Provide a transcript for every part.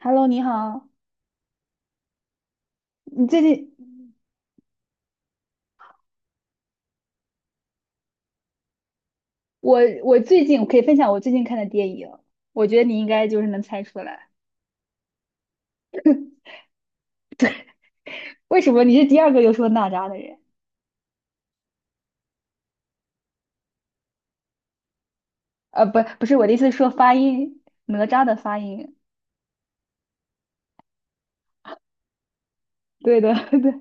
Hello，你好。你最近，我我最近我可以分享我最近看的电影，我觉得你应该就是能猜出来。为什么你是第二个又说哪吒的人？不，不是我的意思，是说发音，哪吒的发音。对的，对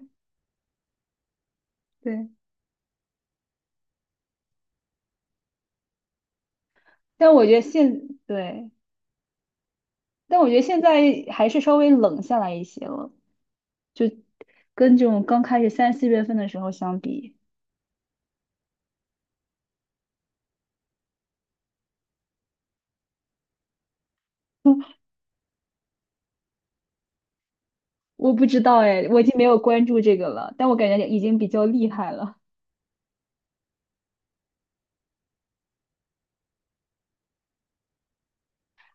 对。但我觉得现对，但我觉得现在还是稍微冷下来一些了，就跟这种刚开始3、4月份的时候相比，我不知道哎，我已经没有关注这个了，但我感觉已经比较厉害了。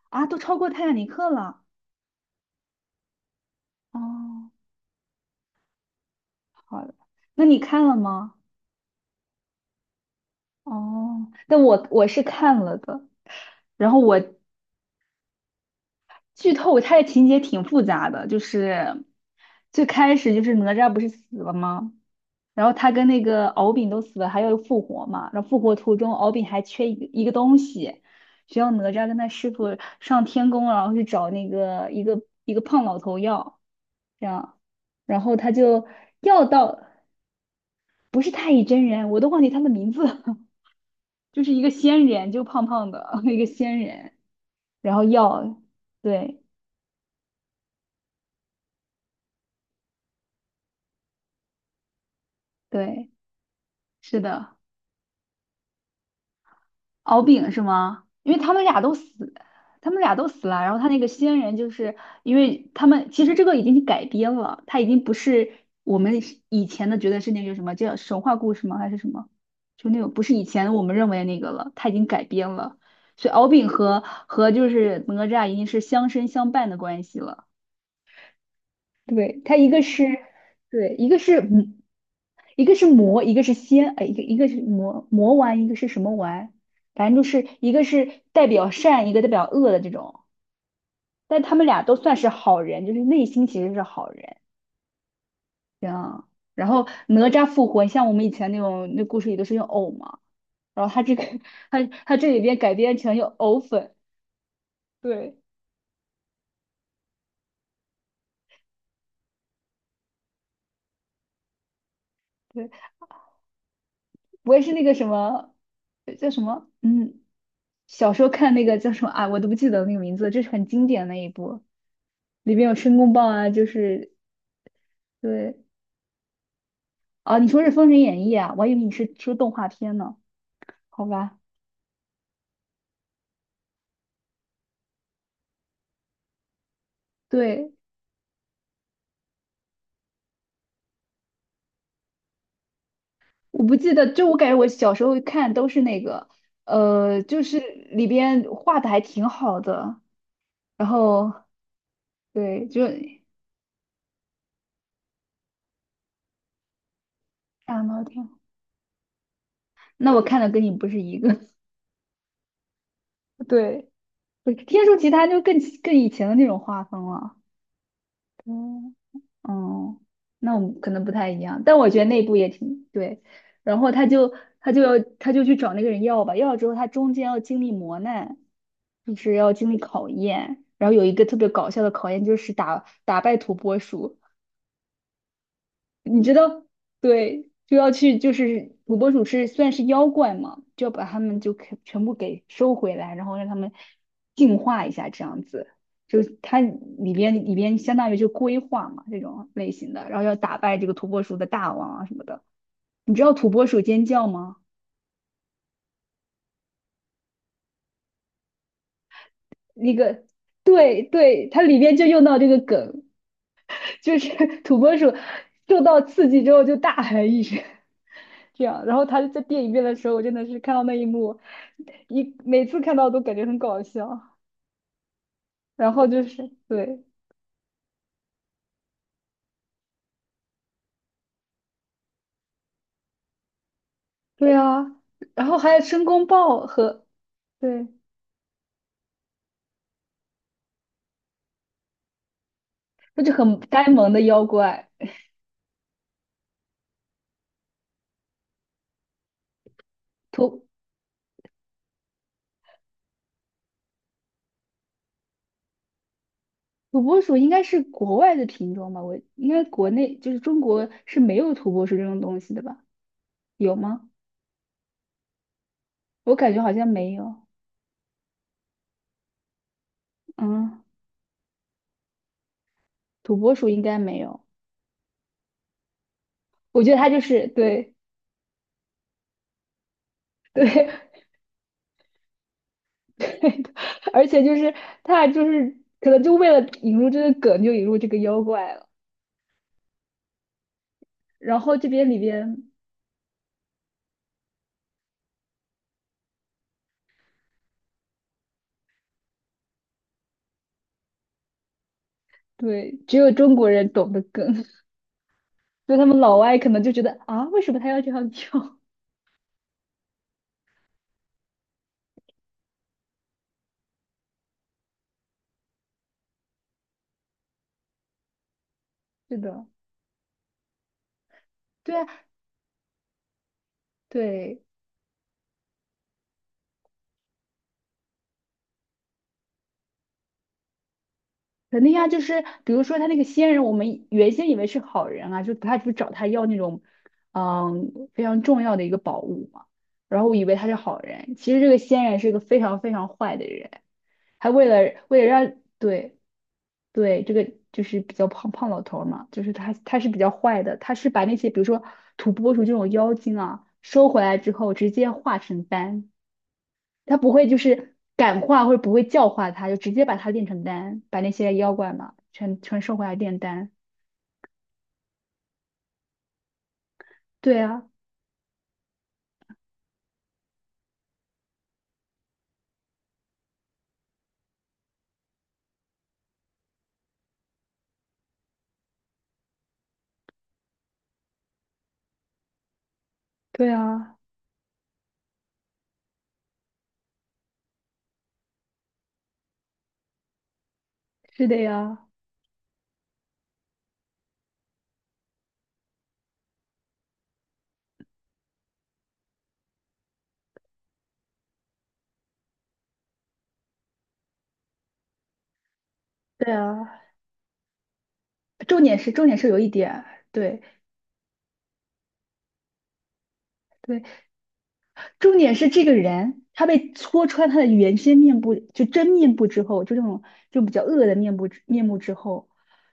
啊，都超过《泰坦尼克》了。哦，好的。那你看了吗？哦，那我是看了的，然后我剧透。它的情节挺复杂的，就是最开始就是哪吒不是死了吗？然后他跟那个敖丙都死了，还要复活嘛。然后复活途中，敖丙还缺一个东西，需要哪吒跟他师傅上天宫，然后去找那个一个胖老头要，这样。然后他就要到，不是太乙真人，我都忘记他的名字。就是一个仙人，就胖胖的 一个仙人，然后药，对对，是的。敖丙是吗？因为他们俩都死了，然后他那个仙人就是，因为他们其实这个已经改编了，他已经不是我们以前的觉得是那个什么叫神话故事吗？还是什么？就那种不是以前我们认为的那个了，他已经改编了，所以敖丙和就是哪吒已经是相生相伴的关系了。对，它一个是，对，一个是，一个是魔，一个是仙，哎，一个是魔魔丸，一个是什么丸？反正就是一个是代表善，一个代表恶的这种。但他们俩都算是好人，就是内心其实是好人。这样，然后哪吒复活，像我们以前那种那故事里都是用藕嘛，然后他这个 他这里边改编成用藕粉，对对。不会是那个什么叫什么？嗯，小时候看那个叫什么啊，我都不记得那个名字，这是很经典的那一部，里边有申公豹啊，就是对啊，你说是《封神演义》啊，我还以为你是说动画片呢，好吧？对，我不记得，就我感觉我小时候看都是那个，就是里边画的还挺好的，然后对，就大闹天宫。那我看的跟你不是一个，对，不是《天书奇谭》就更以前的那种画风了，对。哦，那我们可能不太一样，但我觉得那部也挺对。然后他就去找那个人要吧，要了之后他中间要经历磨难，就是要经历考验。然后有一个特别搞笑的考验，就是打败土拨鼠。你知道，对，就要去，就是土拨鼠是算是妖怪嘛，就要把它们就给全部给收回来，然后让它们进化一下，这样子。就它里边相当于就规划嘛这种类型的，然后要打败这个土拨鼠的大王啊什么的。你知道土拨鼠尖叫吗？那个，对对，它里边就用到这个梗。就是土拨鼠受到刺激之后就大喊一声，这样。然后他在电影院的时候，我真的是看到那一幕，每次看到都感觉很搞笑。然后就是对对啊，然后还有申公豹和对，那就很呆萌的妖怪。土土拨鼠应该是国外的品种吧？我应该国内就是中国是没有土拨鼠这种东西的吧？有吗？我感觉好像没有。嗯，土拨鼠应该没有。我觉得他就是对对，而且就是他就是可能就为了引入这个梗，就引入这个妖怪了。然后这边里边对，只有中国人懂得梗，所以他们老外可能就觉得啊，为什么他要这样跳？是的，对啊，对。肯定啊，就是比如说他那个仙人，我们原先以为是好人啊，就他不是找他要那种，非常重要的一个宝物嘛。然后我以为他是好人，其实这个仙人是个非常非常坏的人。还为了让对对这个就是比较胖胖老头儿嘛，就是他是比较坏的，他是把那些比如说土拨鼠这种妖精啊收回来之后直接化成丹，他不会就是感化或者不会教化他，就直接把他炼成丹，把那些妖怪嘛全收回来炼丹。对啊，对啊，是的呀，对啊。重点是有一点，对对。重点是这个人，他被戳穿他的原先面部，就真面部之后，就这种就比较恶的面目之后，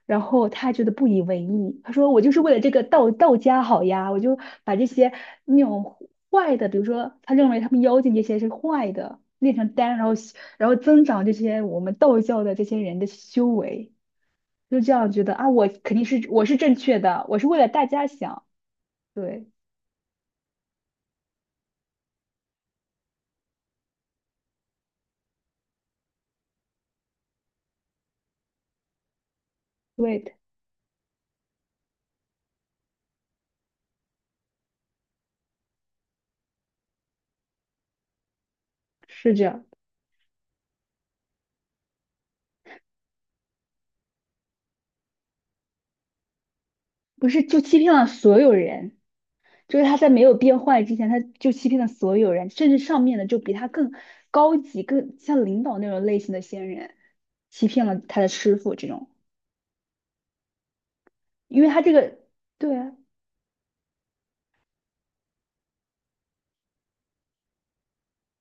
然后他觉得不以为意，他说我就是为了这个道家好呀，我就把这些那种坏的，比如说他认为他们妖精这些是坏的，炼成丹，然后增长这些我们道教的这些人的修为，就这样觉得啊，我是正确的，我是为了大家想，对对，是这样。不是就欺骗了所有人，就是他在没有变坏之前，他就欺骗了所有人，甚至上面的就比他更高级、更像领导那种类型的仙人，欺骗了他的师傅这种，因为他这个，对啊，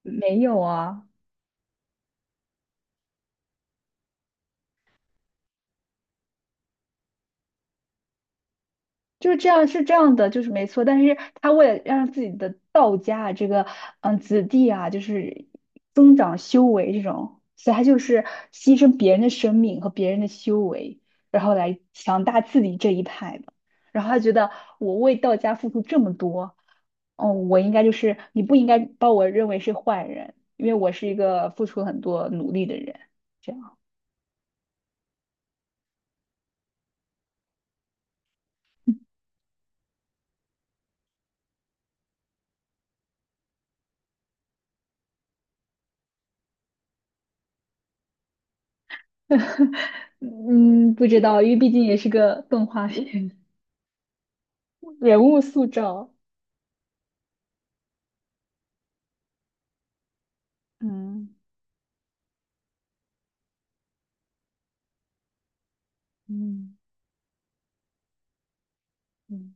没有啊，就是这样是这样的，就是没错。但是他为了让自己的道家啊，这个子弟啊，就是增长修为这种，所以他就是牺牲别人的生命和别人的修为，然后来强大自己这一派的，然后他觉得我为道家付出这么多。哦，我应该就是你不应该把我认为是坏人，因为我是一个付出很多努力的人。这样，嗯，不知道，因为毕竟也是个动画片，人物塑造。嗯嗯嗯，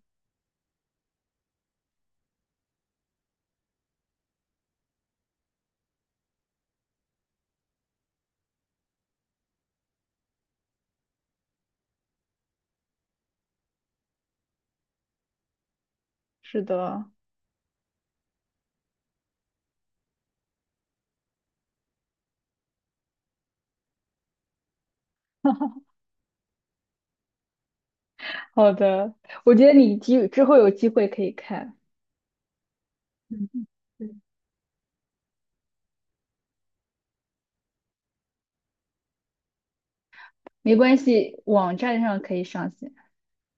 是的。好的，我觉得你之后有机会可以看，嗯，对。没关系，网站上可以上线，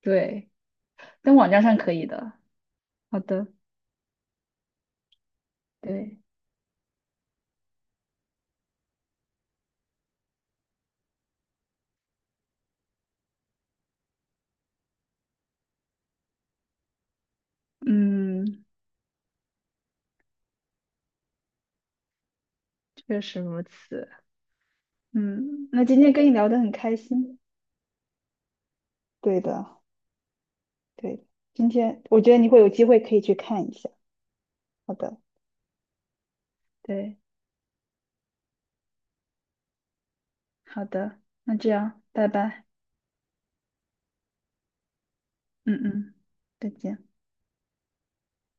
对，但网站上可以的。好的，对，嗯，确实如此。嗯，那今天跟你聊得很开心。对的，对的，今天我觉得你会有机会可以去看一下。好的，对，好的，那这样，拜拜。嗯嗯，再见。